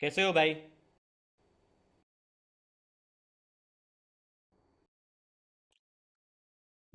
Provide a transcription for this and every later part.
कैसे हो भाई।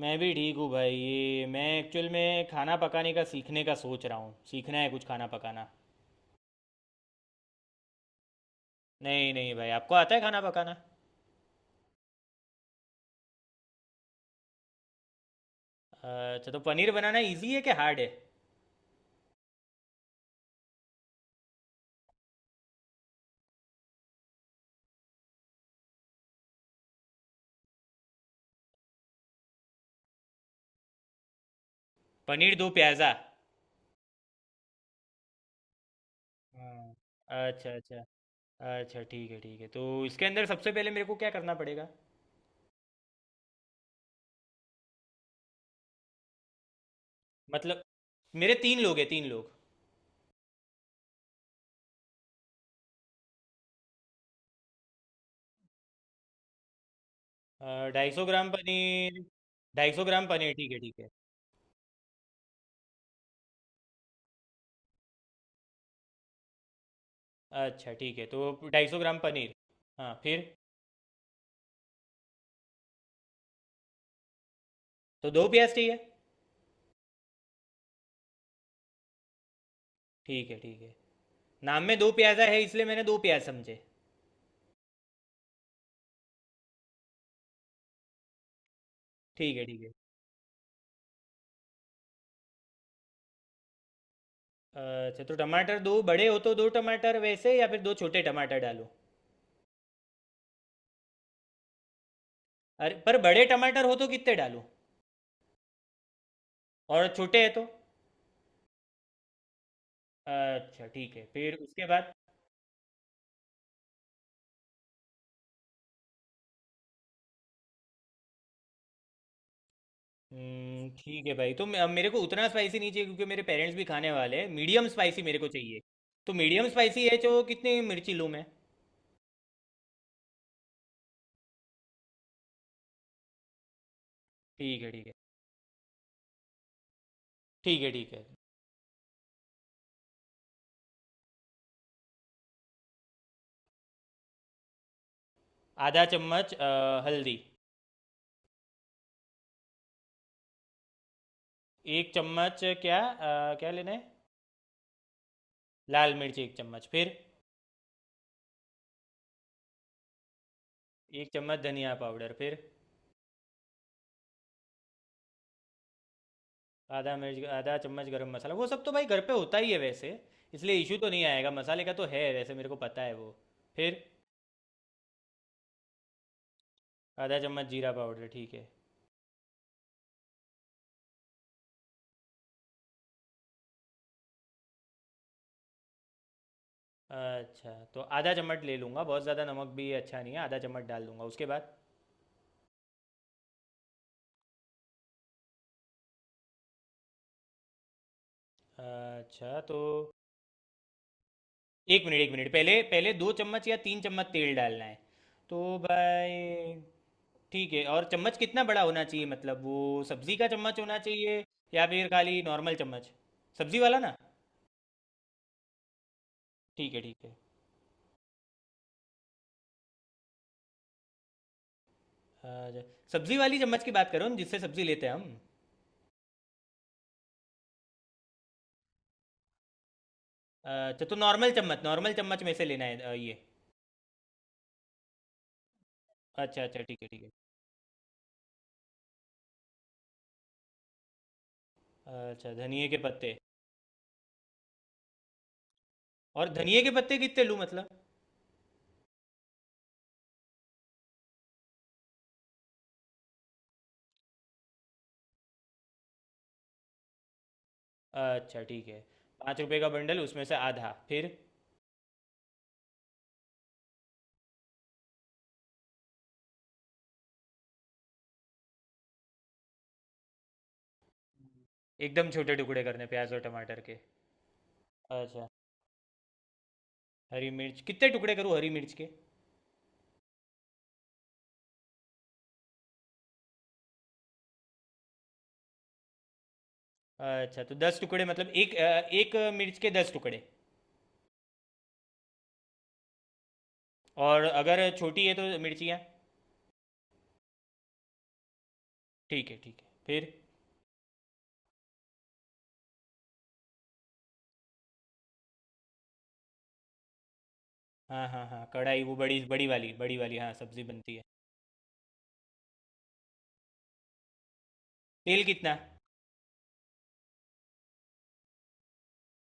मैं भी ठीक हूँ भाई। ये मैं एक्चुअल में खाना पकाने का सीखने का सोच रहा हूँ। सीखना है कुछ खाना पकाना। नहीं नहीं भाई, आपको आता है खाना पकाना? अच्छा, तो पनीर बनाना इजी है कि हार्ड है? पनीर दो प्याज़ा। हाँ, अच्छा अच्छा। अच्छा, ठीक है ठीक है। तो इसके अंदर सबसे पहले मेरे को क्या करना पड़ेगा? मतलब, मेरे तीन लोग हैं, तीन लोग। 250 ग्राम पनीर। 250 ग्राम पनीर, ठीक है ठीक है। अच्छा ठीक है, तो 250 ग्राम पनीर। हाँ फिर? तो दो प्याज चाहिए। ठीक है ठीक है। नाम में दो प्याजा है, इसलिए मैंने दो प्याज समझे। ठीक है ठीक है। अच्छा, तो टमाटर दो बड़े हो तो दो टमाटर वैसे, या फिर दो छोटे टमाटर डालो? अरे पर बड़े टमाटर हो तो कितने डालो? और छोटे हैं तो? अच्छा ठीक है। फिर उसके बाद? ठीक है भाई। तो मेरे को उतना स्पाइसी नहीं चाहिए, क्योंकि मेरे पेरेंट्स भी खाने वाले हैं। मीडियम स्पाइसी मेरे को चाहिए। तो मीडियम स्पाइसी है जो, कितनी मिर्ची लूँ मैं? ठीक है ठीक है। ठीक है ठीक है। आधा चम्मच हल्दी। एक चम्मच क्या, क्या लेना है? लाल मिर्च 1 चम्मच। फिर? 1 चम्मच धनिया पाउडर। फिर? आधा मिर्च, आधा चम्मच गरम मसाला। वो सब तो भाई घर पे होता ही है वैसे। इसलिए इशू तो नहीं आएगा मसाले का, तो है वैसे, मेरे को पता है वो। फिर? आधा चम्मच जीरा पाउडर, ठीक है। अच्छा, तो आधा चम्मच ले लूँगा। बहुत ज़्यादा नमक भी अच्छा नहीं है। आधा चम्मच डाल दूंगा। उसके बाद? अच्छा तो। 1 मिनट 1 मिनट, पहले पहले 2 चम्मच या 3 चम्मच तेल डालना है तो भाई? ठीक है, और चम्मच कितना बड़ा होना चाहिए, मतलब वो सब्ज़ी का चम्मच होना चाहिए, या फिर खाली नॉर्मल चम्मच? सब्ज़ी वाला ना? ठीक है ठीक है। अ, ज- सब्जी वाली चम्मच की बात करो न, जिससे सब्जी लेते हैं हम। अच्छा, तो नॉर्मल चम्मच, नॉर्मल चम्मच में से लेना है ये? अच्छा अच्छा, ठीक है ठीक है। अच्छा, धनिए के पत्ते। और धनिए के पत्ते कितने लूँ, मतलब? अच्छा ठीक है। 5 रुपए का बंडल, उसमें से आधा। फिर? एकदम छोटे टुकड़े करने प्याज और टमाटर के? अच्छा, हरी मिर्च कितने टुकड़े करूँ, हरी मिर्च के? अच्छा, तो 10 टुकड़े, मतलब एक, एक मिर्च के 10 टुकड़े? और अगर छोटी है तो मिर्चियाँ? ठीक है ठीक है। फिर? हाँ हाँ हाँ, कढ़ाई वो बड़ी बड़ी वाली, बड़ी वाली हाँ, सब्जी बनती है। तेल कितना?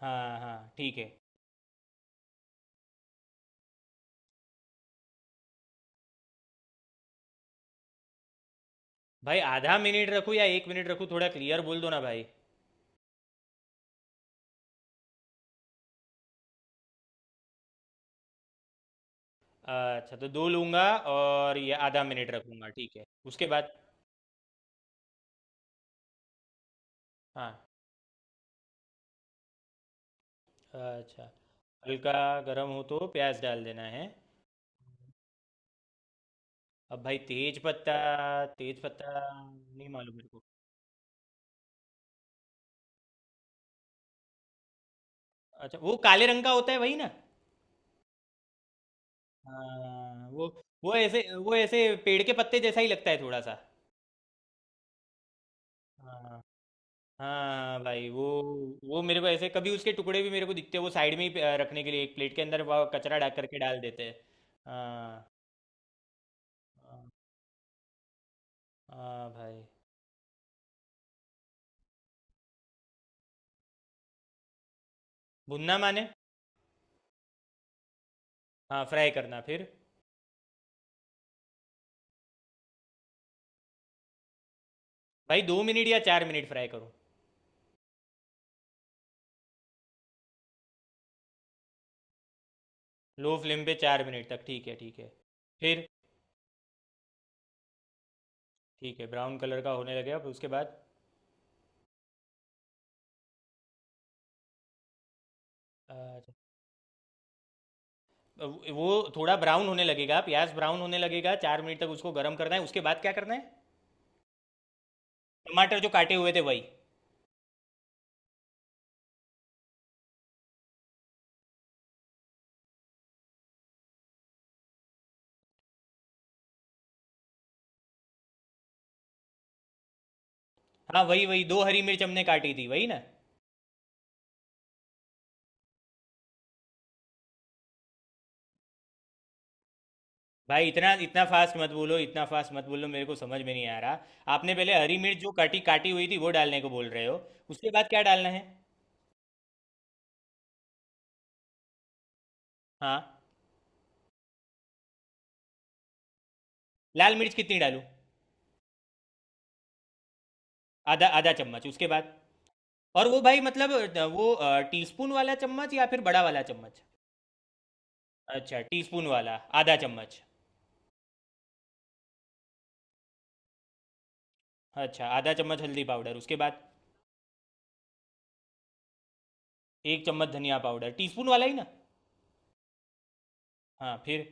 हाँ हाँ ठीक है। भाई, आधा मिनट रखूँ या 1 मिनट रखूँ, थोड़ा क्लियर बोल दो ना भाई। अच्छा, तो दो लूँगा। और ये आधा मिनट रखूँगा, ठीक है। उसके बाद? हाँ। अच्छा। हल्का गर्म हो तो प्याज डाल देना है? अब भाई, तेज पत्ता? तेज पत्ता नहीं मालूम मेरे को। अच्छा, वो काले रंग का होता है वही ना? हाँ वो। वो ऐसे, वो ऐसे पेड़ के पत्ते जैसा ही लगता है थोड़ा सा। हाँ, हाँ भाई वो। वो मेरे को ऐसे कभी उसके टुकड़े भी मेरे को दिखते हैं, वो साइड में ही रखने के लिए एक प्लेट के अंदर वो कचरा डाल करके डाल देते हैं। हाँ हाँ। हाँ भाई। भुनना माने? हाँ, फ्राई करना। फिर? भाई 2 मिनट या 4 मिनट फ्राई करो? लो फ्लेम पे 4 मिनट तक, ठीक है ठीक है। फिर? ठीक है, ब्राउन कलर का होने लगेगा। फिर उसके बाद? अच्छा, अब वो थोड़ा ब्राउन होने लगेगा, प्याज ब्राउन होने लगेगा, 4 मिनट तक उसको गर्म करना है। उसके बाद क्या करना है? टमाटर जो काटे हुए थे वही? हाँ वही वही, दो हरी मिर्च हमने काटी थी, वही ना? भाई इतना इतना फास्ट मत बोलो, इतना फास्ट मत बोलो, मेरे को समझ में नहीं आ रहा। आपने पहले हरी मिर्च जो काटी काटी हुई थी, वो डालने को बोल रहे हो? उसके बाद क्या डालना है? हाँ। लाल मिर्च कितनी डालूं? आधा आधा चम्मच, उसके बाद? और वो भाई मतलब, वो टीस्पून वाला चम्मच या फिर बड़ा वाला चम्मच? अच्छा, टीस्पून वाला। आधा चम्मच। अच्छा, आधा चम्मच हल्दी पाउडर। उसके बाद? 1 चम्मच धनिया पाउडर, टीस्पून वाला ही ना? हाँ फिर?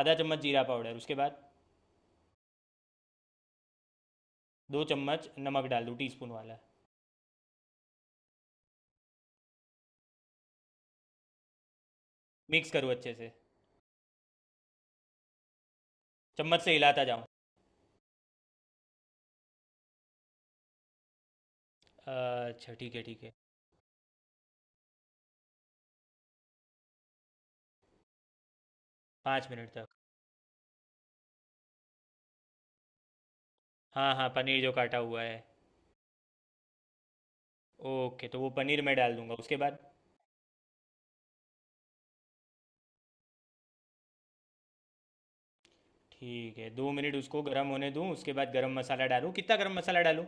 आधा चम्मच जीरा पाउडर। उसके बाद? 2 चम्मच नमक डाल दूँ, टीस्पून वाला? मिक्स करूँ अच्छे से? चम्मच से हिलाता जाऊँ। अच्छा ठीक है ठीक है। 5 मिनट तक? हाँ हाँ, पनीर जो काटा हुआ है। ओके, तो वो पनीर मैं डाल दूंगा, उसके बाद? ठीक है, 2 मिनट उसको गर्म होने दूँ, उसके बाद गरम मसाला डालूँ। कितना गरम मसाला डालूँ?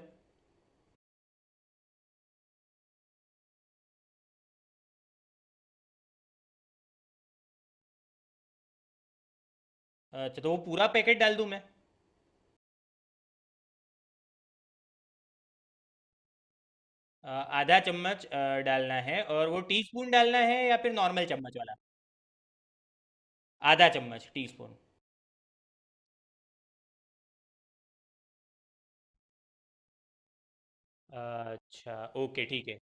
अच्छा, तो वो पूरा पैकेट डाल दूँ मैं? अ, आधा चम्मच डालना है, और वो टीस्पून डालना है या फिर नॉर्मल चम्मच वाला? आधा चम्मच टीस्पून? अच्छा ओके ठीक है।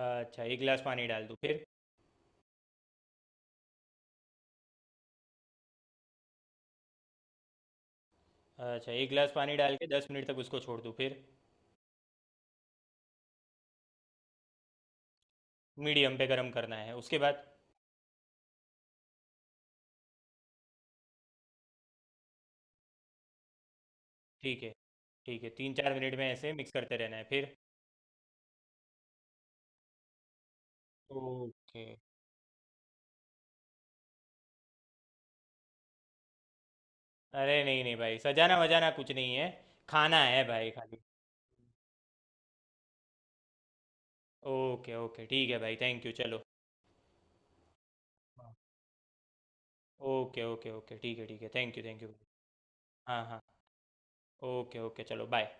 अच्छा, 1 गिलास पानी डाल दूँ फिर? अच्छा, एक गिलास पानी डाल के 10 मिनट तक उसको छोड़ दूँ, फिर? मीडियम पे गर्म करना है, उसके बाद? ठीक है ठीक है, 3-4 मिनट में ऐसे मिक्स करते रहना है फिर? ओके। अरे नहीं नहीं भाई, सजाना वजाना कुछ नहीं है, खाना है भाई खाली। ओके ओके, ठीक है भाई, थैंक यू, चलो। हाँ। ओके ओके ओके, ठीक है ठीक है, थैंक यू थैंक यू। हाँ हाँ। ओके ओके, चलो बाय।